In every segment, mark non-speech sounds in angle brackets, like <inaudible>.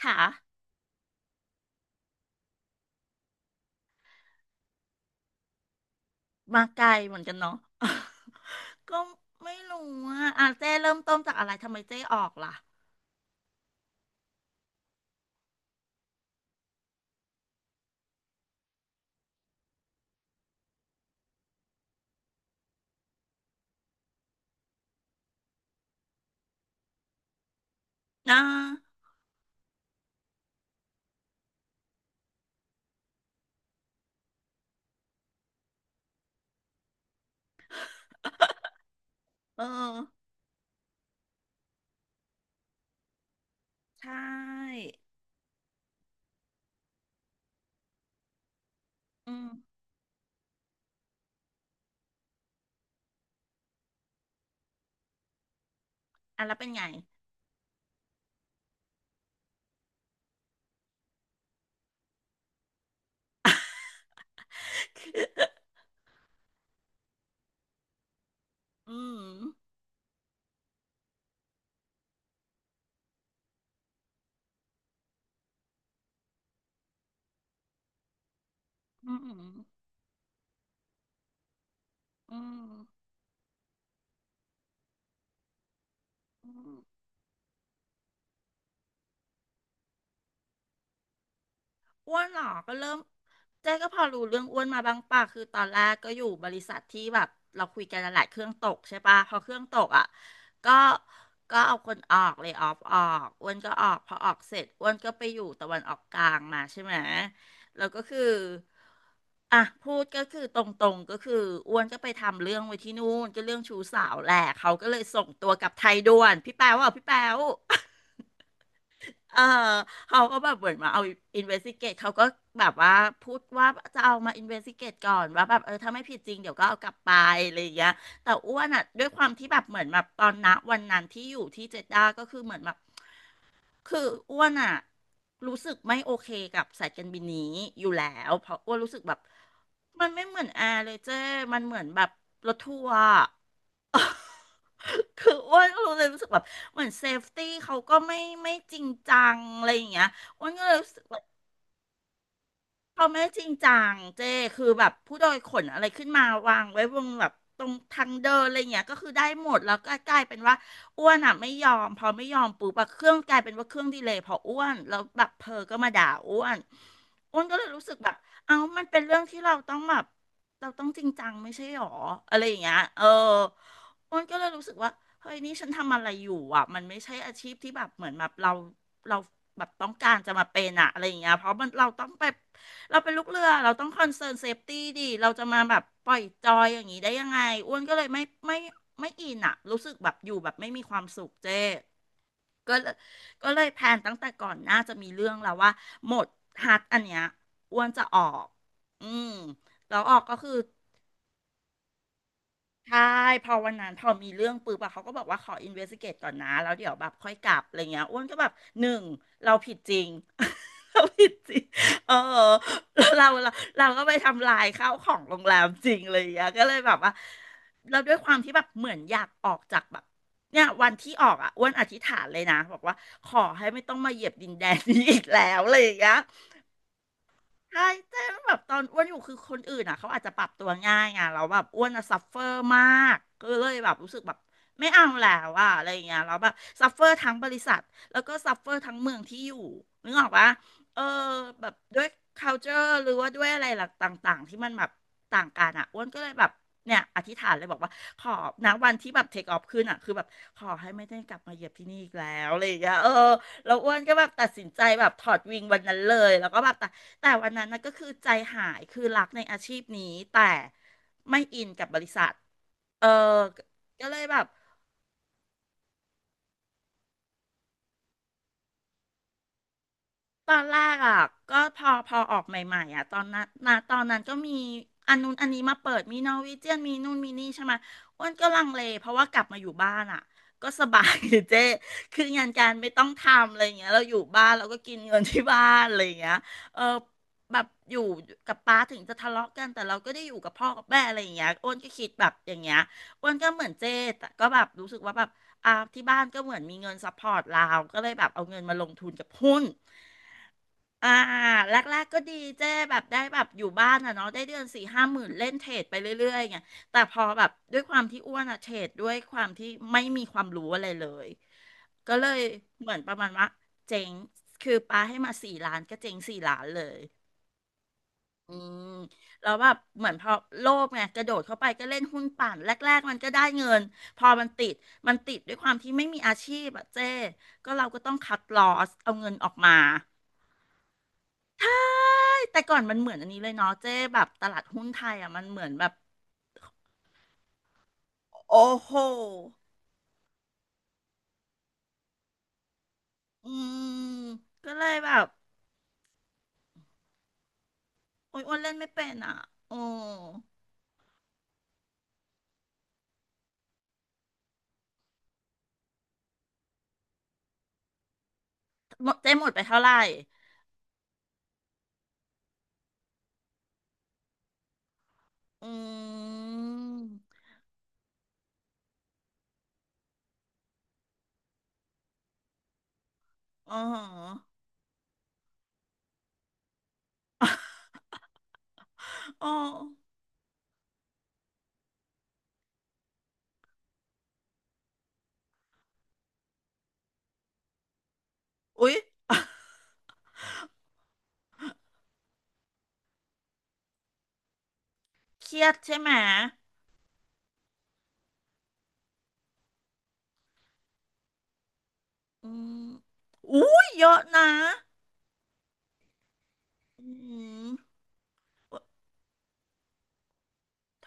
ค่ะมาไกลเหมือนกันเนาะ <laughs> ก็ไม่รู้ว่าอ่ะเจ้เริ่มต้นจากอะไรทำไมเจ้ออกล่ะนะเออใช่อืมอ่ะแล้วเป็นไง <laughs> อืมอืมอืมอืม อ้วนเหรอก็เริ่มเจ๊ก็พอรู้เรื่องอ้วนมาบ้างป่ะคือตอนแรกก็อยู่บริษัทที่แบบเราคุยกันนั่นแหละเครื่องตกใช่ป่ะพอเครื่องตกอ่ะก็ก็เอาคนออกเลยออฟออกอ้วนก็ออกพอออกเสร็จอ้วนก็ไปอยู่ตะวันออกกลางมาใช่ไหมแล้วก็คืออ่ะพูดก็คือตรงๆก็คืออ้วนก็ไปทำเรื่องไว้ที่นู่นก็เรื่องชู้สาวแหละเขาก็เลยส่งตัวกลับไทยด่วนพี่แป๊วอ่ะพี่แป๊ว เออเขาก็แบบเหมือนมาเอาอินเวสติเกตเขาก็แบบว่าพูดว่าจะเอามาอินเวสติเกตก่อนว่าแบบเออถ้าไม่ผิดจริงเดี๋ยวก็เอากลับไปอะไรอย่างเงี้ยแต่อ้วนอ่ะด้วยความที่แบบเหมือนแบบตอนนะวันนั้นที่อยู่ที่เจด้าก็คือเหมือนแบบคืออ้วนอ่ะรู้สึกไม่โอเคกับสายการบินนี้อยู่แล้วเพราะอ้วนรู้สึกแบบมันไม่เหมือนแอร์เลยเจ้มันเหมือนแบบรถทัวร์ <laughs> คืออ้วนก็รู้เลยรู้สึกแบบเหมือนเซฟตี้เขาก็ไม่จริงจังอะไรอย่างเงี้ยอ้วนก็เลยรู้สึก เขาไม่จริงจังเจ้คือแบบผู้โดยขนอะไรขึ้นมาวางไว้บนแบบตรงทางเดินอะไรเงี้ยก็คือได้หมดแล้วก็กลายเป็นว่าอ้วนอ่ะไม่ยอมพอไม่ยอมปุ๊บอะเครื่องกลายเป็นว่าเครื่องดีเลย์พออ้วนแล้วแบบเพอก็มาด่าอ้วนอ้วนก็เลยรู้สึกแบบเอ้ามันเป็นเรื่องที่เราต้องแบบเราต้องจริงจังไม่ใช่หรออะไรอย่างเงี้ยเอออ้วนก็เลยรู้สึกว่าเฮ้ยนี่ฉันทำอะไรอยู่อ่ะมันไม่ใช่อาชีพที่แบบเหมือนแบบเราแบบต้องการจะมาเป็นอะไรอย่างเงี้ยเพราะมันเราต้องไป เราเป็นลูกเรือเราต้องคอนเซิร์นเซฟตี้ดิเราจะมาแบบปล่อยจอยอย่างนี้ได้ยังไงอ้วนก็เลยไม่ไม่อินอะรู้สึกแบบอยู่แบบไม่มีความสุขเจ้ก็เลยก็เลยแพลนตั้งแต่ก่อนหน่าจะมีเรื่องแล้วว่าหมดฮัทอันเนี้ยอ้วนจะออกอืมแล้วออกก็คือ ใช่พอวันนั้นพอมีเรื่องปุ๊บอะเขาก็บอกว่าขออินเวส i ิเกตก่อนนะแล้วเดี๋ยวแบบค่อยกลับอะไรเงี้ยอ้วนก็แบบหนึ่งเราผิดจริง <laughs> เราผิดจริงเออเราเราก็ไปทำลายข้าวของโรงแรมจริงเลยอย่างเี้ยก็เลยแบบว่าเราด้วยความที่แบบเหมือนอยากออกจากแบบเนี่ยวันที่ออกอะอ้วนอธิษฐานเลยนะบอกว่าขอให้ไม่ต้องมาเหยียบดินแดนนี้อีกแล้วอะไรอย่างเงี้ย ใช่แต่แบบตอนอ้วนอยู่คือคนอื่นอ่ะเขาอาจจะปรับตัวง่ายไงเราแล้วแบบอ้วนอ่ะซัฟเฟอร์มาก ก็เลยแบบรู้สึกแบบไม่เอาแล้วอะอะไรอย่างเงี้ยเราแล้วแบบซัฟเฟอร์ทั้งบริษัทแล้วก็ซัฟเฟอร์ทั้งเมืองที่อยู่นึกออกปะเออแบบด้วย culture หรือว่าด้วยอะไรหลักต่างๆที่มันแบบต่างกันอ่ะอ้วนก็เลยแบบเนี่ยอธิษฐานเลยบอกว่าขอณวันที่แบบเทคออฟขึ้นอ่ะคือแบบขอให้ไม่ได้กลับมาเหยียบที่นี่อีกแล้วอะไรอย่างเงี้ยเออแล้วอ้วนก็แบบตัดสินใจแบบถอดวิงวันนั้นเลยแล้วก็แบบ แต่วันนั้นนะก็คือใจหายคือรักในอาชีพนี้แต่ไม่อินกับบริษัท เออก็เลยแบบ ตอนแรกอ่ะก็พอออกใหม่ๆอ่ะตอนนั้นก็มีอันนู้นอันนี้มาเปิดมีนอร์วีเจียนมีนู่นมีนี่ใช่ไหมอ้วนก็ลังเลเพราะว่ากลับมาอยู่บ้านอ่ะก็สบาย <laughs> เจ๊คืองานการไม่ต้องทำอะไรอย่างเงี้ยเราอยู่บ้านเราก็กินเงินที่บ้านอะไรอย่างเงี้ยเออแบบอยู่กับป้าถึงจะทะเลาะกันแต่เราก็ได้อยู่กับพ่อกับแม่อะไรอย่างเงี้ยอ้วนก็คิดแบบอย่างเงี้ยอ้วนก็เหมือนเจ๊แต่ก็แบบรู้สึกว่าแบบอ่าที่บ้านก็เหมือนมีเงินซัพพอร์ตเราก็เลยแบบเอาเงินมาลงทุนกับหุ้น อ่าแรกๆก็ดีเจ้แบบได้แบบอยู่บ้านอ่ะเนาะได้เดือนสี่ห้าหมื่นเล่นเทรดไปเรื่อยๆไงแต่พอแบบด้วยความที่อ้วนอ่ะเทรดด้วยความที่ไม่มีความรู้อะไรเลยก็เลยเหมือนประมาณว่าเจ๊งคือปาให้มาสี่ล้านก็เจ๊งสี่ล้านเลยอืมแล้วแบบเหมือนพอโลภไงกระโดดเข้าไปก็เล่นหุ้นปั่นแรกๆมันก็ได้เงินพอมันติดมันติดด้วยความที่ไม่มีอาชีพอะเจ้ก็เราก็ต้องคัดลอสเอาเงินออกมา ใช่แต่ก่อนมันเหมือนอันนี้เลยเนาะเจ๊แบบตลาดหุ้นไทยอ่ะมันเหมือนแบบโอ้โหอืมก็เลยแบบโอ้ยอ้วนเล่นไม่เป็นอ่ะโอ้หมดเจ๊หมดไปเท่าไหร่อืมอ๋ออ๋ออุ๊ยเครียดใช่ไหมอืมอุ้ยเยอะนะอืมโอ้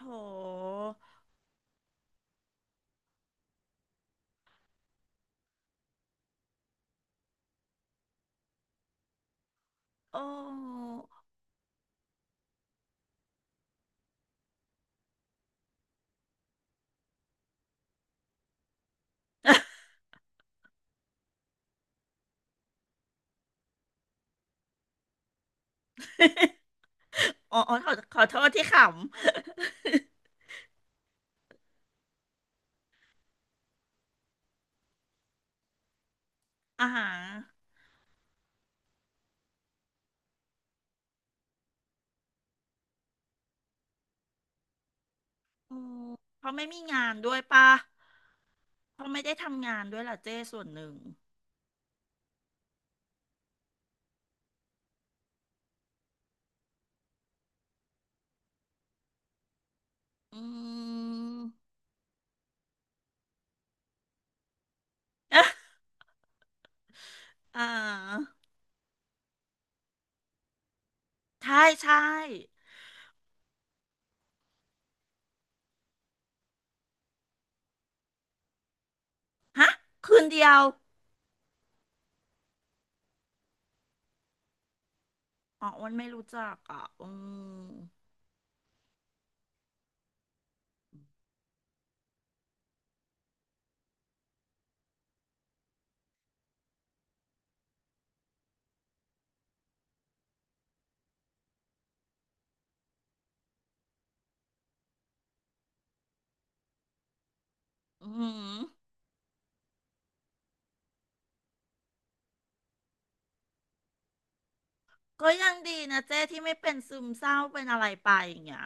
โถโอ้อ๋ออ๋อขอขอโทษที่ขำ <laughs> อ่าฮะ อืมเขาไม่มีงานด้วยป่ะเขาไม่ได้ทำงานด้วยล่ะเจ้ส่วนหนึ่งอืม <laughs> อ่าใช่ใช่ฮะคืนเดียวอ๋ออ้วันไม่รู้จักอ่ะอืมอืมก็ยังดีนะเจ้ที่ไม่เป็นซึมเศร้าเป็นอะไรไปอย่างเงี้ย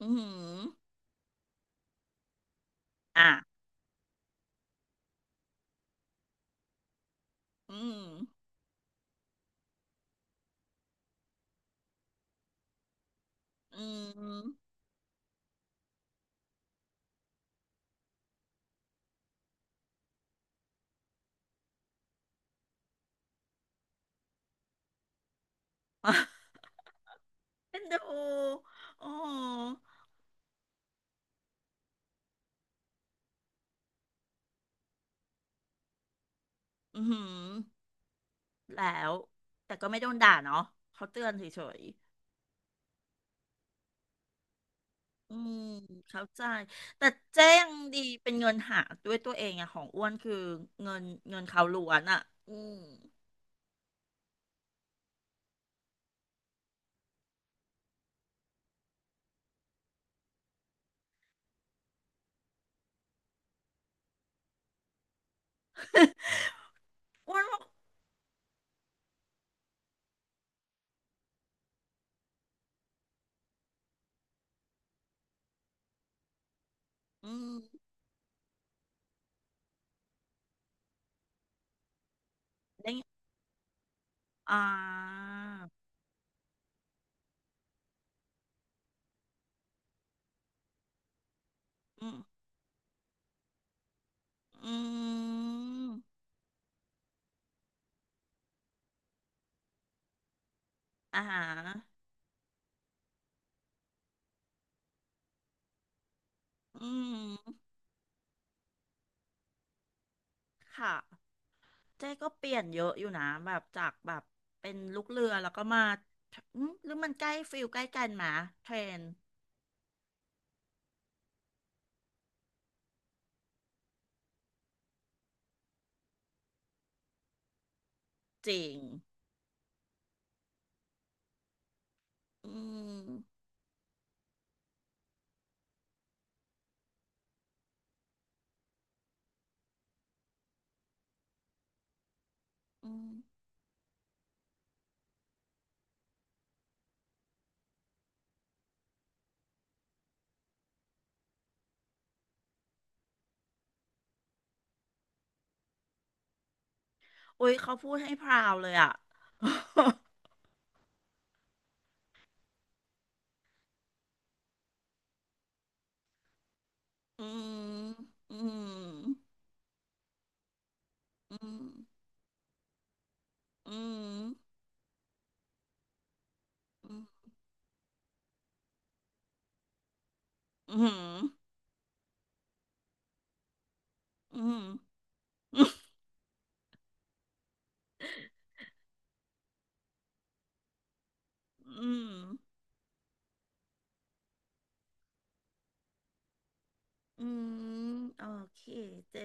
อืมอ่ะอืมอืม <laughs> เอ็นดูโอ้โอืมแล้วแต่ก็ไม่โดนด่าเนาะเขาเตือนเฉย อืมเข้าใจแต่เจ๊ยังดีเป็นเงินหาด้วยตัวเองอะของอ้วนคือเงินเงินเขาล้วนอะอืมอ้วนบอกอืมได้อ่าอืมอืมอ่าฮะอืมค่ะเจ๊ก็เปลี่ยนเยอะอยู่นะแบบจากแบบเป็นลูกเรือแล้วก็มาอืมหรือมันใกล้ฟิลใกล้กันมาเทรนจริงอืมอืมโอ้ยเขาพูดให้พราวเลยอะ <laughs> อืมอืมอืมอืมอืมอืมอืมอืมอืมโอเคเจ๊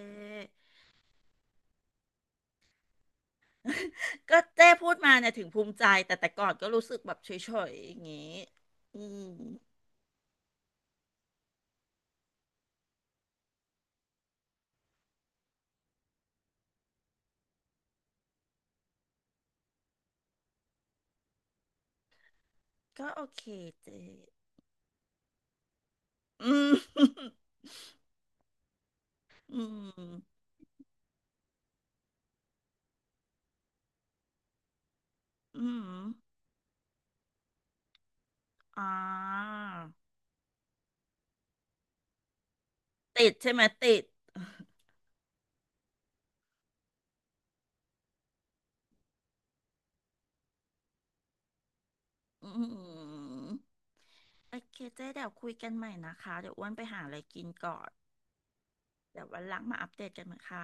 เจ๊พูดมาเนี่ยถึงภูมิใจแต่แต่ก่อนก็รู้สึกแบบเฉยๆอย่างงี้อืมก็โอเคเจ๊อืมอืมอืมอ่าติดใช่ไหมติดอืมโอเคเจ๊เดี๋ยวคุยกันใหม่นะคะเดี๋ยวอ้วนไปหาอะไรกินก่อน เดี๋ยววันหลังมาอัปเดตกันนะค่ะ